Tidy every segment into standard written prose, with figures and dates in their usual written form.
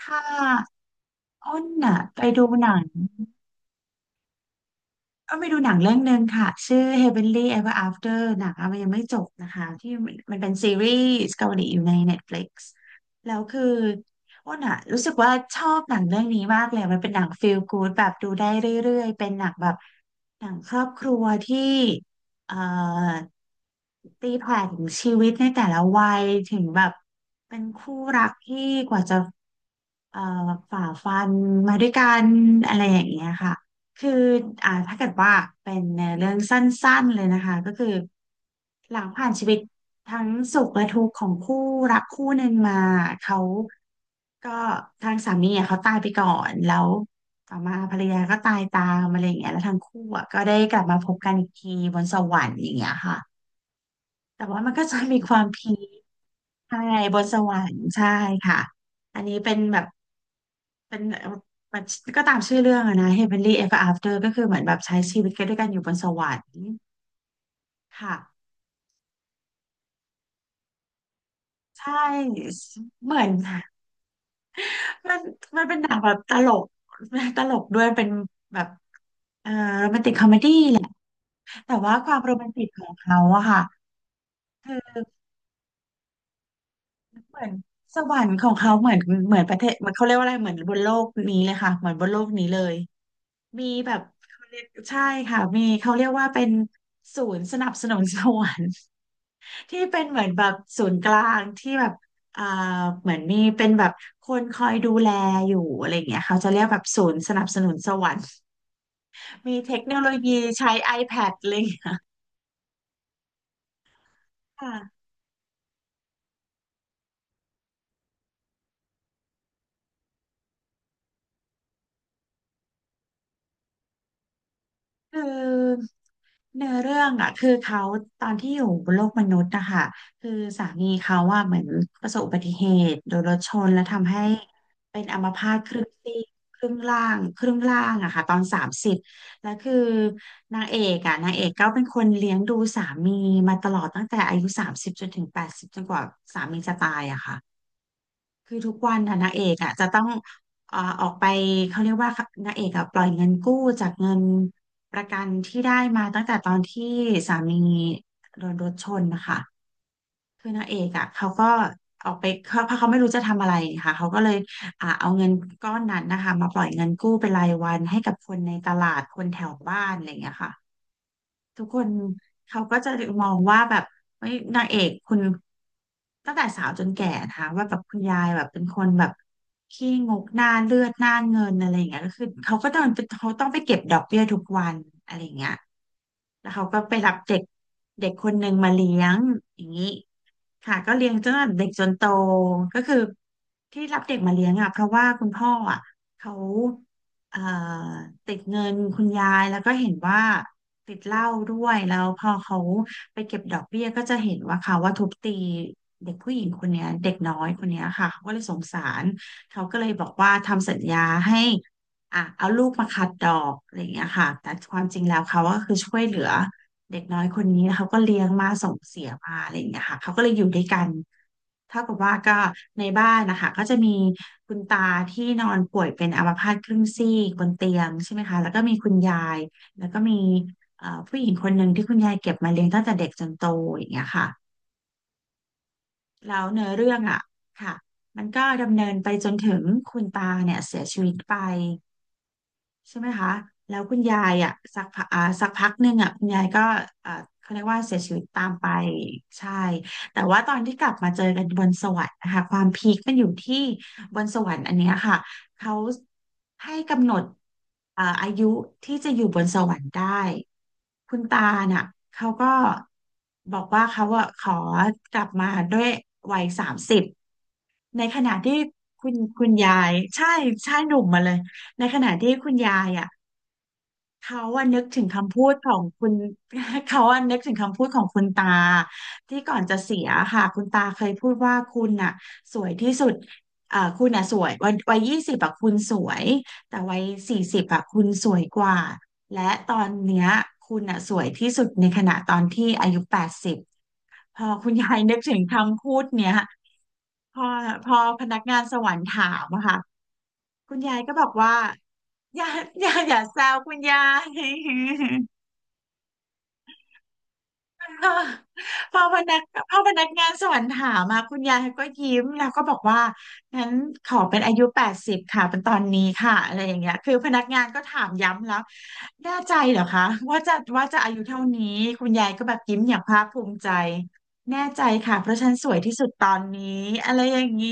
ถ้าอ้นน่ะไปดูหนัง ก็ไปดูหนังเรื่องหนึ่งค่ะชื่อ Heavenly Ever After หนังอะมันยังไม่จบนะคะที่มันเป็นซีรีส์เกาหลีอยู่ใน Netflix แล้วคืออ้นอะรู้สึกว่าชอบหนังเรื่องนี้มากเลยมันเป็นหนัง feel good แบบดูได้เรื่อยๆเป็นหนังแบบหนังครอบครัวที่เอ่อตีแผ่ถึงชีวิตในแต่ละวัยถึงแบบเป็นคู่รักที่กว่าจะเอ่อฝ่าฟันมาด้วยกันอะไรอย่างเงี้ยค่ะ คือถ้าเกิดว่าเป็นในเรื่องสั้นๆเลยนะคะก็คือหลังผ่านชีวิตทั้งสุขและทุกข์ของคู่รักคู่หนึ่งมาเขาก็ทางสามีอ่ะเขาตายไปก่อนแล้วต่อมาภรรยาก็ตายตามอะไรอย่างเงี้ยแล้วทั้งคู่อ่ะก็ได้กลับมาพบกันอีกทีบนสวรรค์อย่างเงี้ยค่ะแต่ว่ามันก็จะมีความพี ใช่บนสวรรค์ใช่ค่ะอันนี้เป็นแบบเป็นมันก็ตามชื่อเรื่องอะนะ Heavenly Ever After ก็คือเหมือนแบบใช้ชีวิตกันด้วยกันอยู่บนสวรรค์ค่ะใช่เหมือนมันมันเป็นหนังแบบตลก ตลกด้วยเป็นแบบเอ่อโรแมนติกคอมเมดี้แหละแต่ว่าความโรแมนติกของเขาอะค่ะคือเหมือนสวรรค์ของเขาเหมือนประเทศเหมันเขาเรียกว่าอะไรเหมือนบนโลกนี้เลยค่ะเหมือนบนโลกนี้เลย มีแบบเขาเรียกใช่ค่ะมีเขาเรียกว่าเป็นศูนย์สนับสนุนสวรรค์ ที่เป็นเหมือนแบบศูนย์กลางที่แบบอ่าเหมือนมีเป็นแบบคนคอยดูแลอยู่อะไรอย่างเงี้ยเขาจะเรียกแบบศูนย์สนับสนุนสวรรค์มีเทคโนโลยีใช้ iPad ไอเลย ค่ะ คือเนื้อเรื่องอ่ะคือเขาตอนที่อยู่บนโลกมนุษย์นะคะคือสามีเขาว่าเหมือนประสบอุบัติเหตุโดนรถชนและทำให้เป็นอัมพาตครึ่งซีกครึ่งล่างอะค่ะตอนสามสิบแล้วคือนางเอกก็เป็นคนเลี้ยงดูสามีมาตลอดตั้งแต่อายุสามสิบจนถึง80จนกว่าสามีจะตายอะค่ะ คือทุกวันอะนางเอกอะจะต้องออกไปเขาเรียกว่านางเอกอะปล่อยเงินกู้จากเงินประกันที่ได้มาตั้งแต่ตอนที่สามีโดนรถชนนะคะคือนางเอกอะเขาก็ออกไปเขาเพราะเขาไม่รู้จะทำอะไรค่ะเขาก็เลยเอาเงินก้อนนั้นนะคะมาปล่อยเงินกู้เป็นรายวันให้กับคนในตลาดคนแถวบ้านอะไรอย่างเงี้ยค่ะ ทุกคนเขาก็จะมองว่าแบบเฮ้ยนางเอกคุณตั้งแต่สาวจนแก่นะคะว่าแบบคุณยายแบบเป็นคนแบบขี้งกหน้าเลือดหน้าเงินอะไรอย่างเงี้ยก็คือเขาก็ต้องเขาต้องไปเก็บดอกเบี้ยทุกวันอะไรอย่างเงี้ยแล้วเขาก็ไปรับเด็กเด็กคนหนึ่งมาเลี้ยงอย่างนี้ค่ะก็เลี้ยงจนเด็กจนโตก็คือที่รับเด็กมาเลี้ยงอ่ะเพราะว่าคุณพ่ออ่ะเขา เอ่อติดเงินคุณยายแล้วก็เห็นว่าติดเหล้าด้วยแล้วพอเขาไปเก็บดอกเบี้ยก็จะเห็นว่าเขาว่าทุบตีเด็กผู้หญิงคนเนี้ยเด็กน้อยคนเนี้ยค่ะเขาก็เลยสงสารเขาก็เลยบอกว่าทำสัญญาให้อ่ะเอาลูกมาคัดดอกอะไรอย่างเงี้ยค่ะแต่ความจริงแล้วเขาก็คือช่วยเหลือ เด็กน้อยคนนี้เขาก็เลี้ยงมาส่งเสียมาอะไรอย่างเงี้ยค่ะเขาก็เลยอยู่ด้วยกันเท่ากับว่าก็ในบ้านนะคะก็จะมีคุณตาที่นอนป่วยเป็นอัมพาตครึ่งซีกบนเตียงใช่ไหมคะแล้วก็มีคุณยายแล้วก็มีผู้หญิงคนหนึ่งที่คุณยายเก็บมาเลี้ยงตั้งแต่เด็กจนโตอย่างเงี้ยค่ะแล้วเนื้อเรื่องอ่ะค่ะมันก็ดำเนินไปจนถึงคุณตาเนี่ยเสียชีวิตไป ใช่ไหมคะ แล้วคุณยายอ่ะสักพักหนึ่งอ่ะคุณยายก็อ่าเขาเรียกว่าเสียชีวิตตามไปใช่แต่ว่าตอนที่กลับมาเจอกันบนสวรรค์นะคะความพีคมันอยู่ที่บนสวรรค์อันเนี้ยค่ะเขาให้กำหนดอายุที่จะอยู่บนสวรรค์ได้คุณตาน่ะเขาก็บอกว่าเขาอ่ะขอกลับมาด้วยวัยสามสิบในขณะที่คุณยายใช่ใช่หนุ่มมาเลยในขณะที่คุณยายอ่ะ เขาอะนึกถึงคำพูดของคุณ เขาอะนึกถึงคำพูดของคุณตาที่ก่อนจะเสียค่ะคุณตาเคยพูดว่าคุณน่ะสวยที่สุดคุณน่ะสวยวัยยี่สิบอะคุณสวยแต่วัย40อะคุณสวยกว่าและตอนเนี้ยคุณน่ะสวยที่สุดในขณะตอนที่อายุแปดสิบพอคุณยายนึกถึงคำพูดเนี้ยพอพอพนักงานสวรรค์ถามอะค่ะ คุณยายก็บอกว่าอย่าอย่าแซวคุณยายพอ พอพนักพอพนักงานสวนถามมาคุณยายก็ยิ้มแล้วก็บอกว่างั้นขอเป็นอายุแปดสิบค่ะเป็นตอนนี้ค่ะอะไรอย่างเงี้ยคือพนักงานก็ถามย้ำแล้วแน่ใจเหรอคะว่าจะอายุเท่านี้คุณยายก็แบบยิ้มอย่างภาคภูมิใจแน่ใจค่ะเพราะฉันสวยที่สุดตอนนี้อะไรอย่างนี้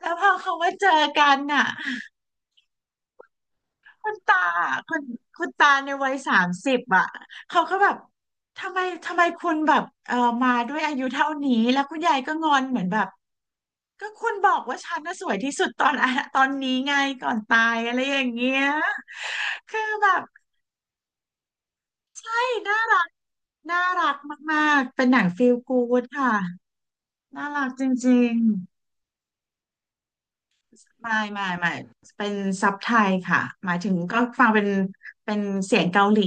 แล้วพอเขามาเจอกันน่ะ คุณตาคุณคุณตาในวัยสามสิบอ่ะเขาก็แบบทำไมทำไมคุณแบบมาด้วยอายุเท่านี้แล้วคุณยายก็งอนเหมือนแบบก็คุณบอกว่าฉันน่ะสวยที่สุดตอนอะตอนนี้ไงก่อนตายอะไรอย่างเงี้ยคือแบบเฮ้ยน่ารักน่ารักมากๆเป็นหนังฟีลกู๊ดค่ะน่ารักจริง ไม่ไม่ไม่เป็นซับไทยค่ะหมายถึงก็ฟังเป็นเป็นเสียงเกาหลี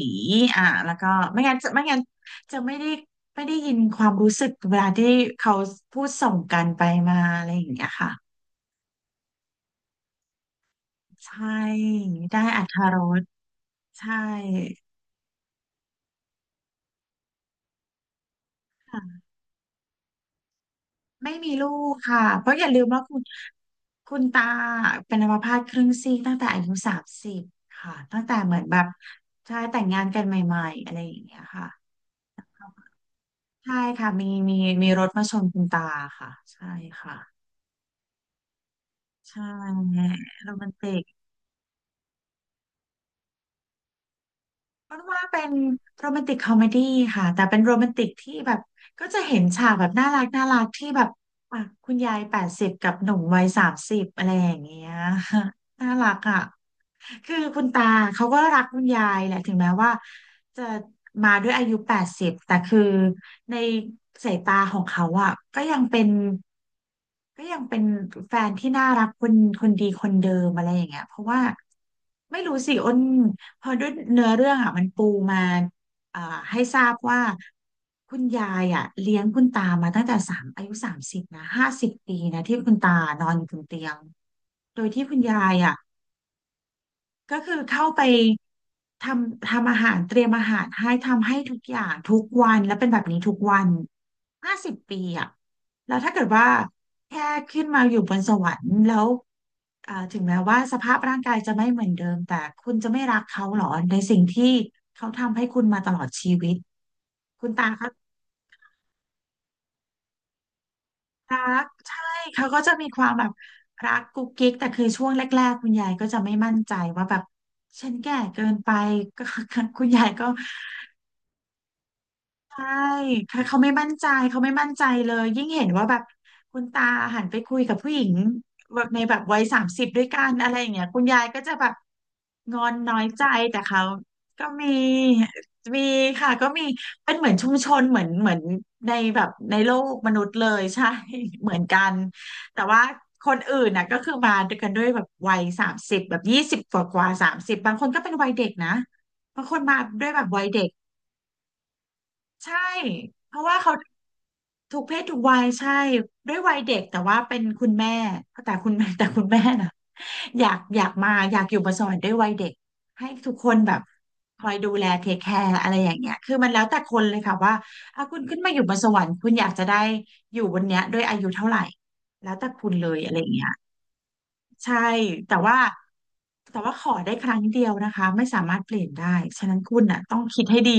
แล้วก็ไม่งั้นจะไม่ได้ยินความรู้สึกเวลาที่เขาพูดส่งกันไปมาอะไรอย่างเงี้ยค่ะใช่ได้อรรถรสใช่ค่ะไม่มีลูกค่ะเพราะอย่าลืมว่าคุณตาเป็นอัมพาตครึ่งซีกตั้งแต่อายุสามสิบค่ะตั้งแต่เหมือนแบบใช่แต่งงานกันใหม่ๆอะไรอย่างเงี้ยค่ะ ใช่ค่ะมีมีรถมาชนคุณตาค่ะใช่ค่ะใช่โรแมนติกมันว่าเป็นโรแมนติกคอมเมดี้ค่ะแต่เป็นโรแมนติกที่แบบก็จะเห็นฉากแบบน่ารักน่ารักที่แบบอ่ะคุณยายแปดสิบกับหนุ่มวัยสามสิบอะไรอย่างเงี้ย น่ารักอ่ะคือคุณตาเขาก็รักคุณยายแหละถึงแม้ว่า จะมาด้วยอายุ80แต่คือในสายตาของเขาอ่ะก็ยังเป็นแฟนที่น่ารักคนดีคนเดิมอะไรอย่างเงี้ยเพราะว่าไม่รู้สิอ้นพอด้วยเนื้อเรื่องอ่ะมันปูมาอ่าให้ทราบว่าคุณยายอ่ะเลี้ยงคุณตามาตั้งแต่สามอายุสามสิบนะห้าสิบปีนะที่คุณตานอนอยู่บนเตียงโดยที่คุณยายอ่ะ ก็คือเข้าไปททำอาหารเตรียมอาหารให้ทำให้ทุกอย่างทุกวันแล้วเป็นแบบนี้ทุกวันห้าสิบปีอ่ะแล้วถ้าเกิดว่าแค่ขึ้นมาอยู่บนสวรรค์แล้วถึงแม้ว่าสภาพร่างกายจะไม่เหมือนเดิมแต่คุณจะไม่รักเขาหรอในสิ่งที่เขาทำให้คุณมาตลอดชีวิต คุณตาเขารักใช่เขาก็จะมีความแบบรักกุ๊กกิ๊กแต่คือช่วงแรกๆคุณยายก็จะไม่มั่นใจว่าแบบฉันแก่เกินไปก็ คุณยายก็ ใช่เขาเขาไม่มั่นใจเขาไม่มั่นใจเลยยิ่งเห็นว่าแบบคุณตาหันไปคุยกับผู้หญิงแบบวัยสามสิบด้วยกันอะไรอย่างเงี้ยคุณยายก็จะแบบงอนน้อยใจแต่เขาก็มีค่ะก็มีเป็นเหมือนชุมชนเหมือนในแบบในโลกมนุษย์เลยใช่ เหมือนกันแต่ว่าคนอื่นน่ะก็คือมาด้วยกันด้วยแบบวัยสามสิบแบบยี่สิบกว่าสามสิบบางคนก็เป็นวัยเด็กนะบางคนมาด้วยแบบวัยเด็ก ใช่ เพราะว่าเขาทุกเพศทุกวัยใช่ด้วยวัยเด็กแต่ว่าเป็นคุณแม่แต่คุณแม่ แต่คุณแม่นะอยากอยู่มาสอนด้วยวัยเด็กให้ทุกคนแบบคอยดูแลเทคแคร์อะไรอย่างเงี้ยคือมันแล้วแต่คนเลยค่ะว่าอ่ะคุณขึ้นมาอยู่บนสวรรค์คุณอยากจะได้อยู่บนเนี้ยด้วยอายุเท่าไหร่แล้วแต่คุณเลยอะไรอย่างเงี้ยใช่ แต่ว่าแต่ว่าขอได้ครั้งเดียวนะคะไม่สามารถเปลี่ยนได้ฉะนั้นคุณน่ะต้องคิดให้ดี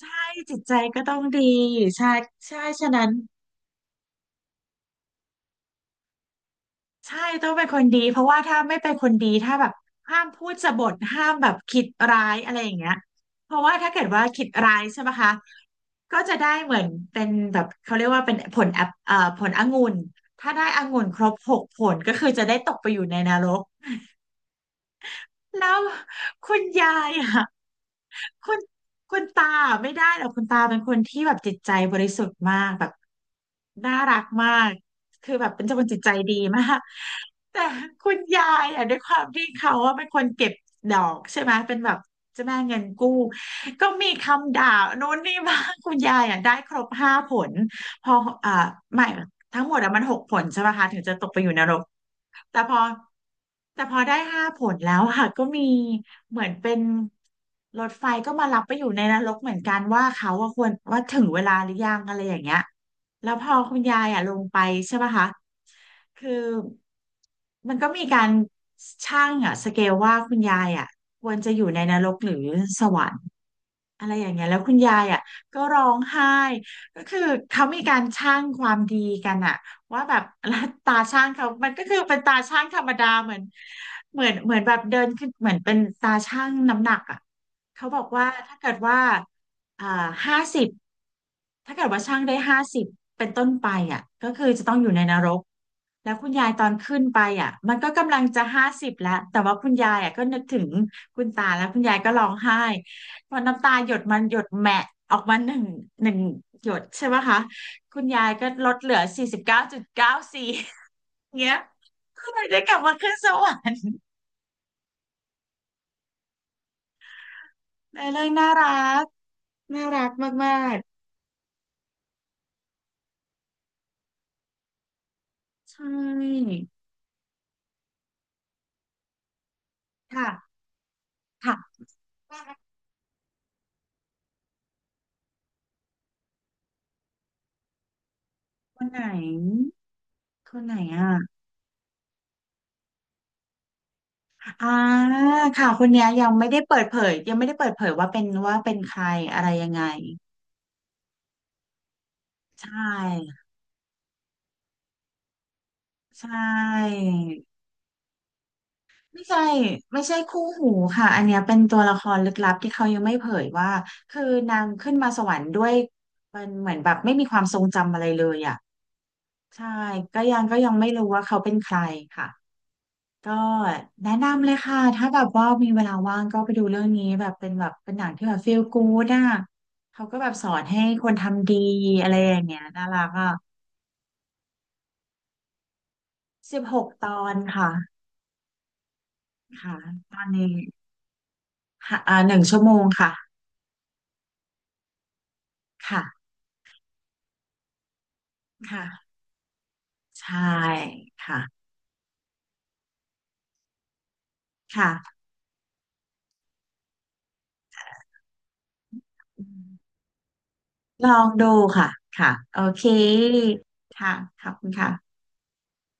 ใช่จิตใจก็ต้องดีใช่ใช่ฉะนั้นใช่ต้องเป็นคนดีเพราะว่าถ้าไม่เป็นคนดีถ้าแบบห้ามพูดสบถห้ามแบบคิดร้ายอะไรอย่างเงี้ยเพราะว่าถ้าเกิดว่าคิดร้ายใช่ไหมคะก็จะได้เหมือนเป็นแบบเขาเรียกว่าเป็นผลองุ่นถ้าได้องุ่นครบ6ผลก็คือจะได้ตกไปอยู่ในนรก แล้วคุณยายอ่ะคุณคุณตาไม่ได้หรอกคุณตาเป็นคนที่แบบจิตใจบริสุทธิ์มากแบบน่ารักมากคือแบบเป็นคนจิตใจดีมากแต่คุณยายอ่ะด้วยความที่เขาว่าเป็นคนเก็บดอกใช่ไหมเป็นแบบเจ้าแม่เงินกู้ก็มีคำด่าโน้นนี่มางคุณยายอ่ะได้ครบห้าผลพออ่าไม่ทั้งหมดอ่ะมัน6 ผลใช่ไหมคะถึงจะตกไปอยู่นรก แต่พอแต่พอได้ห้าผลแล้วค่ะก็มีเหมือนเป็นรถไฟก็มารับไปอยู่ในนรกเหมือนกันว่าเขาว่าควรว่าถึงเวลาหรือยังอะไรอย่างเงี้ยแล้วพอคุณยายอ่ะลงไปใช่ปะคะคือมันก็มีการช่างอ่ะสเกลว่าคุณยายอ่ะควรจะอยู่ในนรกหรือสวรรค์ อะไรอย่างเงี้ยแล้วคุณยายอ่ะก็ร้องไห้ก็คือเขามีการชั่งความดีกันอ่ะว่าแบบ แล้วตาช่างเขา มันก็คือเป็นตาช่างธรรมดาเหมือนแบบเดินขึ้นเหมือนเป็นตาช่างน้ำหนักอ่ะ เขาบอกว่าถ้าเกิดว่าอ่าห้าสิบถ้าเกิดว่าช่างได้ห้าสิบเป็นต้นไปอ่ะก็คือจะต้องอยู่ในนรก แล้วคุณยายตอนขึ้นไปอ่ะมันก็กำลังจะห้าสิบแล้วแต่ว่าคุณยายอ่ะก็นึกถึงคุณตาแล้วคุณยายก็ร้องไห้พอน้ำตาหยดมันหยดแหมะออกมาหนึ่งหยดใช่ไหมคะคุณยายก็ลดเหลือ49.94เงี้ยก็เลยได้กลับมาขึ้นสวรรค์ในเรื่องน่ารักน่ารักมากๆใช่ ค่ะค่ะคนไหนคนไหนอ่ะอ่าค่ะคนเนี้ยยังไม่ได้เปิดเผยยังไม่ได้เปิดเผยว่าเป็นว่าเป็นใครอะไรยังไงใช่ใช่ไม่ใช่ไม่ใช่คู่หูค่ะอันเนี้ยเป็นตัวละครลึกลับที่เขายังไม่เผยว่าคือนางขึ้นมาสวรรค์ด้วยมันเหมือนแบบไม่มีความทรงจำอะไรเลยอ่ะใช่ก็ยังไม่รู้ว่าเขาเป็นใครค่ะ ก็แนะนำเลยค่ะถ้าแบบว่ามีเวลาว่างก็ไปดูเรื่องนี้แบบเป็นแบบเป็นหนังที่แบบฟีลกู๊ดอ่ะเขาก็แบบสอนให้คนทำดีอะไรอย่างเงี้ยน่ารักอ่ะ16 ตอนค่ะค่ะตอนนี้ค่ะอ่า1 ชั่วโมงค่ะค่ะค่ะใช่ค่ะค่ะลองดูค่ะค่ะโอเคค่ะขอบคุณค่ะ